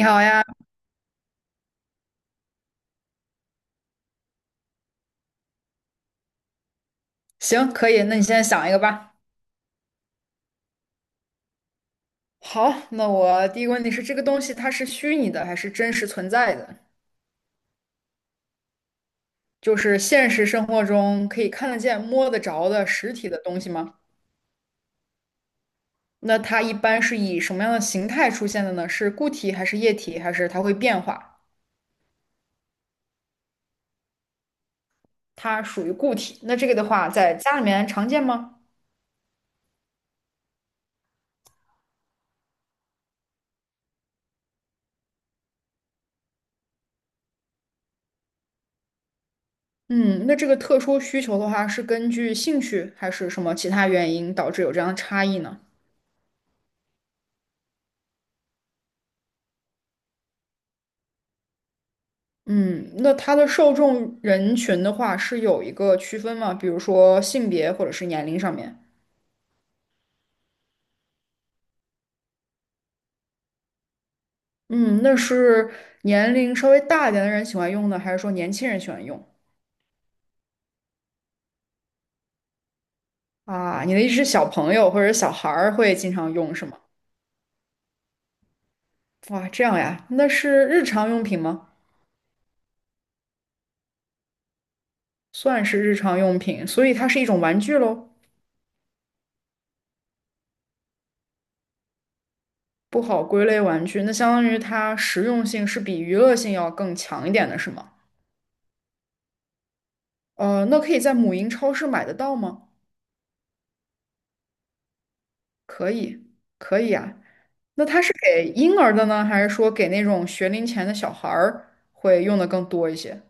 你好呀，行，可以，那你现在想一个吧。好，那我第一个问题是，这个东西它是虚拟的还是真实存在的？就是现实生活中可以看得见、摸得着的实体的东西吗？那它一般是以什么样的形态出现的呢？是固体还是液体，还是它会变化？它属于固体。那这个的话，在家里面常见吗？嗯，那这个特殊需求的话，是根据兴趣还是什么其他原因导致有这样的差异呢？嗯，那它的受众人群的话是有一个区分吗？比如说性别或者是年龄上面？嗯，那是年龄稍微大一点的人喜欢用呢，还是说年轻人喜欢用？啊，你的意思是小朋友或者小孩儿会经常用是吗？哇，这样呀，那是日常用品吗？算是日常用品，所以它是一种玩具喽，不好归类玩具。那相当于它实用性是比娱乐性要更强一点的是吗？那可以在母婴超市买得到吗？可以，可以啊。那它是给婴儿的呢，还是说给那种学龄前的小孩儿会用的更多一些？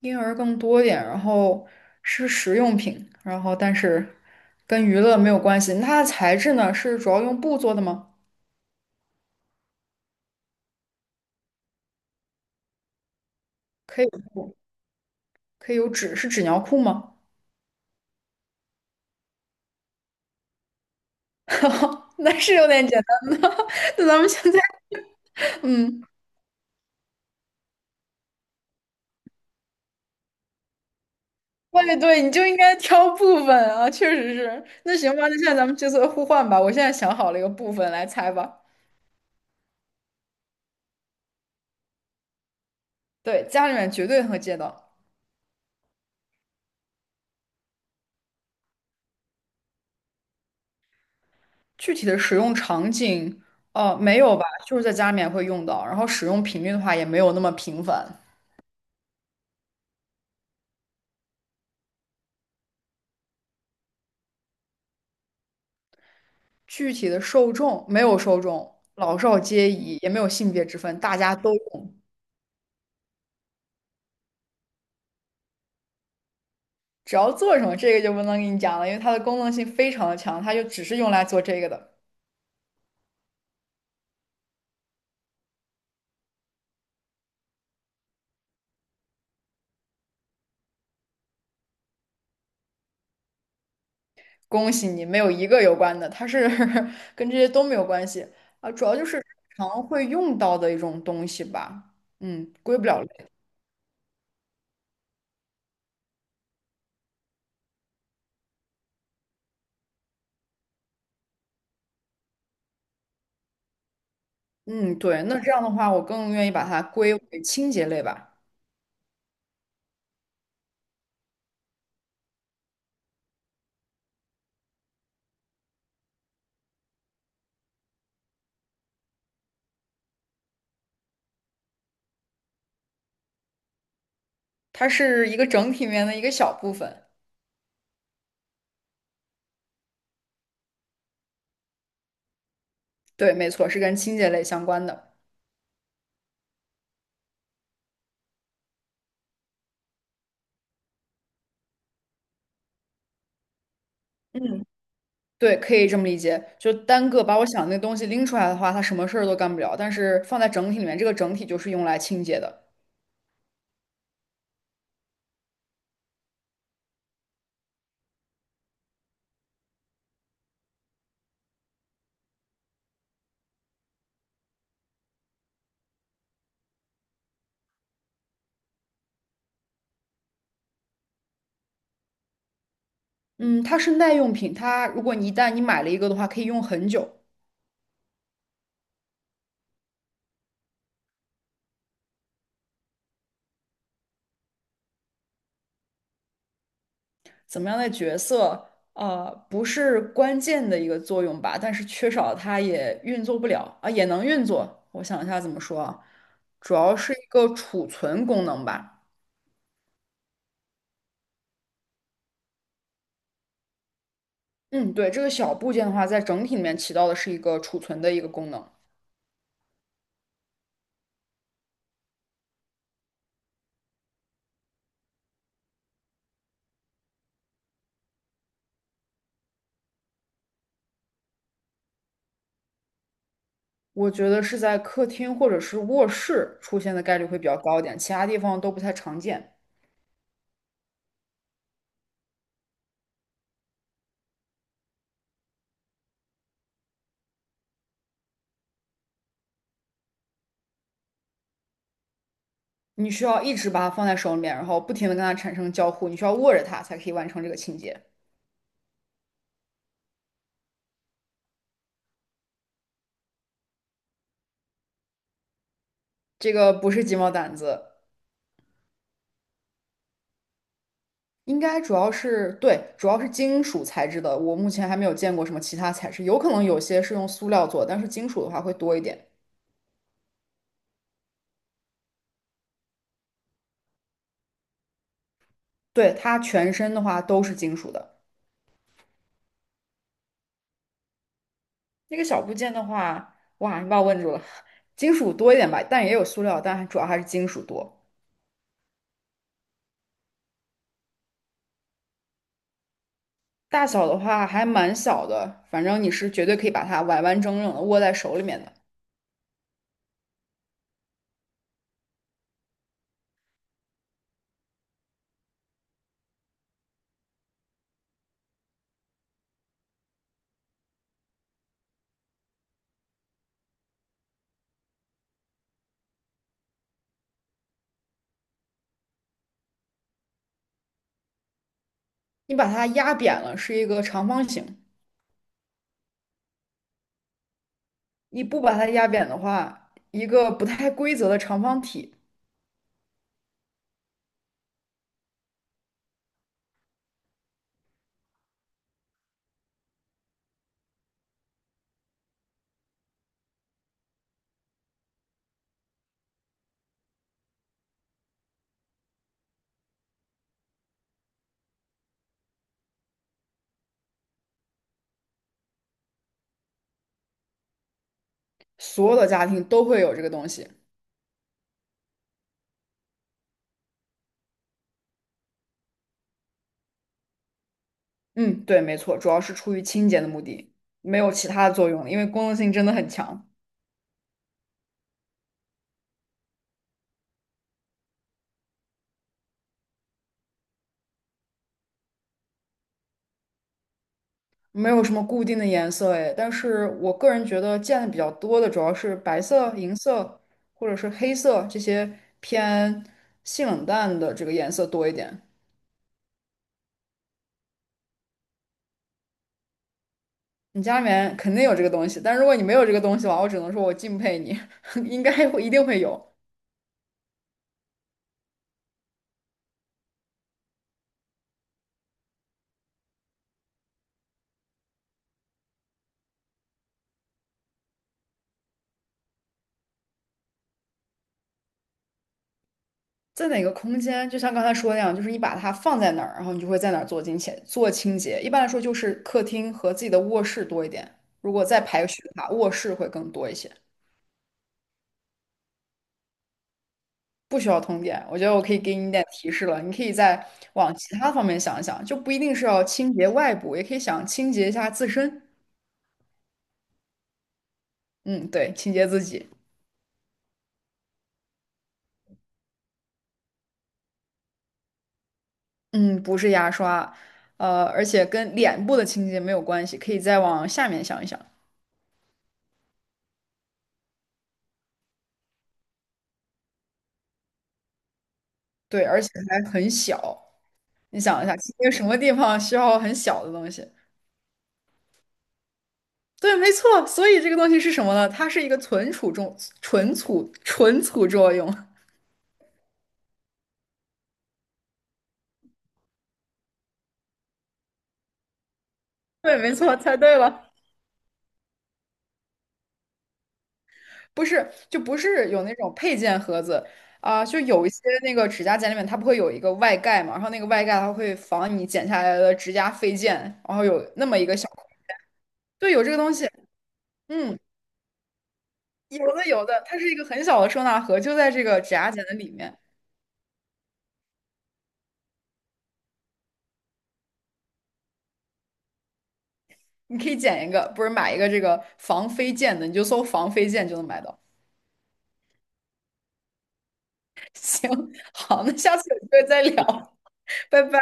婴儿更多一点，然后是食用品，然后但是跟娱乐没有关系。那它的材质呢，是主要用布做的吗？可以有布，可以有纸，是纸尿裤吗？那是有点简单的。那咱们现在，嗯，对对，你就应该挑部分啊，确实是。那行吧，那现在咱们角色互换吧。我现在想好了一个部分来猜吧。对，家里面绝对会见到。具体的使用场景，没有吧，就是在家里面会用到，然后使用频率的话也没有那么频繁。具体的受众没有受众，老少皆宜，也没有性别之分，大家都用。只要做什么，这个就不能给你讲了，因为它的功能性非常的强，它就只是用来做这个的。恭喜你，没有一个有关的，它是 跟这些都没有关系啊，主要就是日常会用到的一种东西吧。嗯，归不了类。嗯，对，那这样的话，我更愿意把它归为清洁类吧。它是一个整体里面的一个小部分。对，没错，是跟清洁类相关的。嗯，对，可以这么理解。就单个把我想的那个东西拎出来的话，它什么事儿都干不了。但是放在整体里面，这个整体就是用来清洁的。嗯，它是耐用品，它如果你一旦你买了一个的话，可以用很久。怎么样的角色，不是关键的一个作用吧，但是缺少它也运作不了啊，也能运作。我想一下怎么说啊，主要是一个储存功能吧。嗯，对，这个小部件的话，在整体里面起到的是一个储存的一个功能。我觉得是在客厅或者是卧室出现的概率会比较高一点，其他地方都不太常见。你需要一直把它放在手里面，然后不停的跟它产生交互，你需要握着它才可以完成这个清洁。这个不是鸡毛掸子，应该主要是，对，主要是金属材质的。我目前还没有见过什么其他材质，有可能有些是用塑料做，但是金属的话会多一点。对，它全身的话都是金属的。那个小部件的话，哇，你把我问住了。金属多一点吧，但也有塑料，但主要还是金属多。大小的话还蛮小的，反正你是绝对可以把它完完整整的握在手里面的。你把它压扁了是一个长方形，你不把它压扁的话，一个不太规则的长方体。所有的家庭都会有这个东西。嗯，对，没错，主要是出于清洁的目的，没有其他的作用了因为功能性真的很强。没有什么固定的颜色哎，但是我个人觉得见的比较多的主要是白色、银色或者是黑色这些偏性冷淡的这个颜色多一点。你家里面肯定有这个东西，但如果你没有这个东西的话，我只能说我敬佩你，应该会一定会有。在哪个空间，就像刚才说的那样，就是你把它放在哪儿，然后你就会在哪儿做清洁，做清洁。一般来说就是客厅和自己的卧室多一点，如果再排序的话，卧室会更多一些。不需要通电，我觉得我可以给你一点提示了，你可以再往其他方面想一想，就不一定是要清洁外部，也可以想清洁一下自身。嗯，对，清洁自己。嗯，不是牙刷，而且跟脸部的清洁没有关系，可以再往下面想一想。对，而且还很小，你想一下，清洁什么地方需要很小的东西？对，没错。所以这个东西是什么呢？它是一个存储重、存储、存储作用。对，没错，猜对了。不是，就不是有那种配件盒子啊、就有一些那个指甲剪里面，它不会有一个外盖嘛，然后那个外盖它会防你剪下来的指甲飞溅，然后有那么一个小孔对，有这个东西，嗯，有的有的，它是一个很小的收纳盒，就在这个指甲剪的里面，你可以剪一个，不是买一个这个防飞溅的，你就搜防飞溅就能买到。行，好，那下次有机会再聊，拜拜。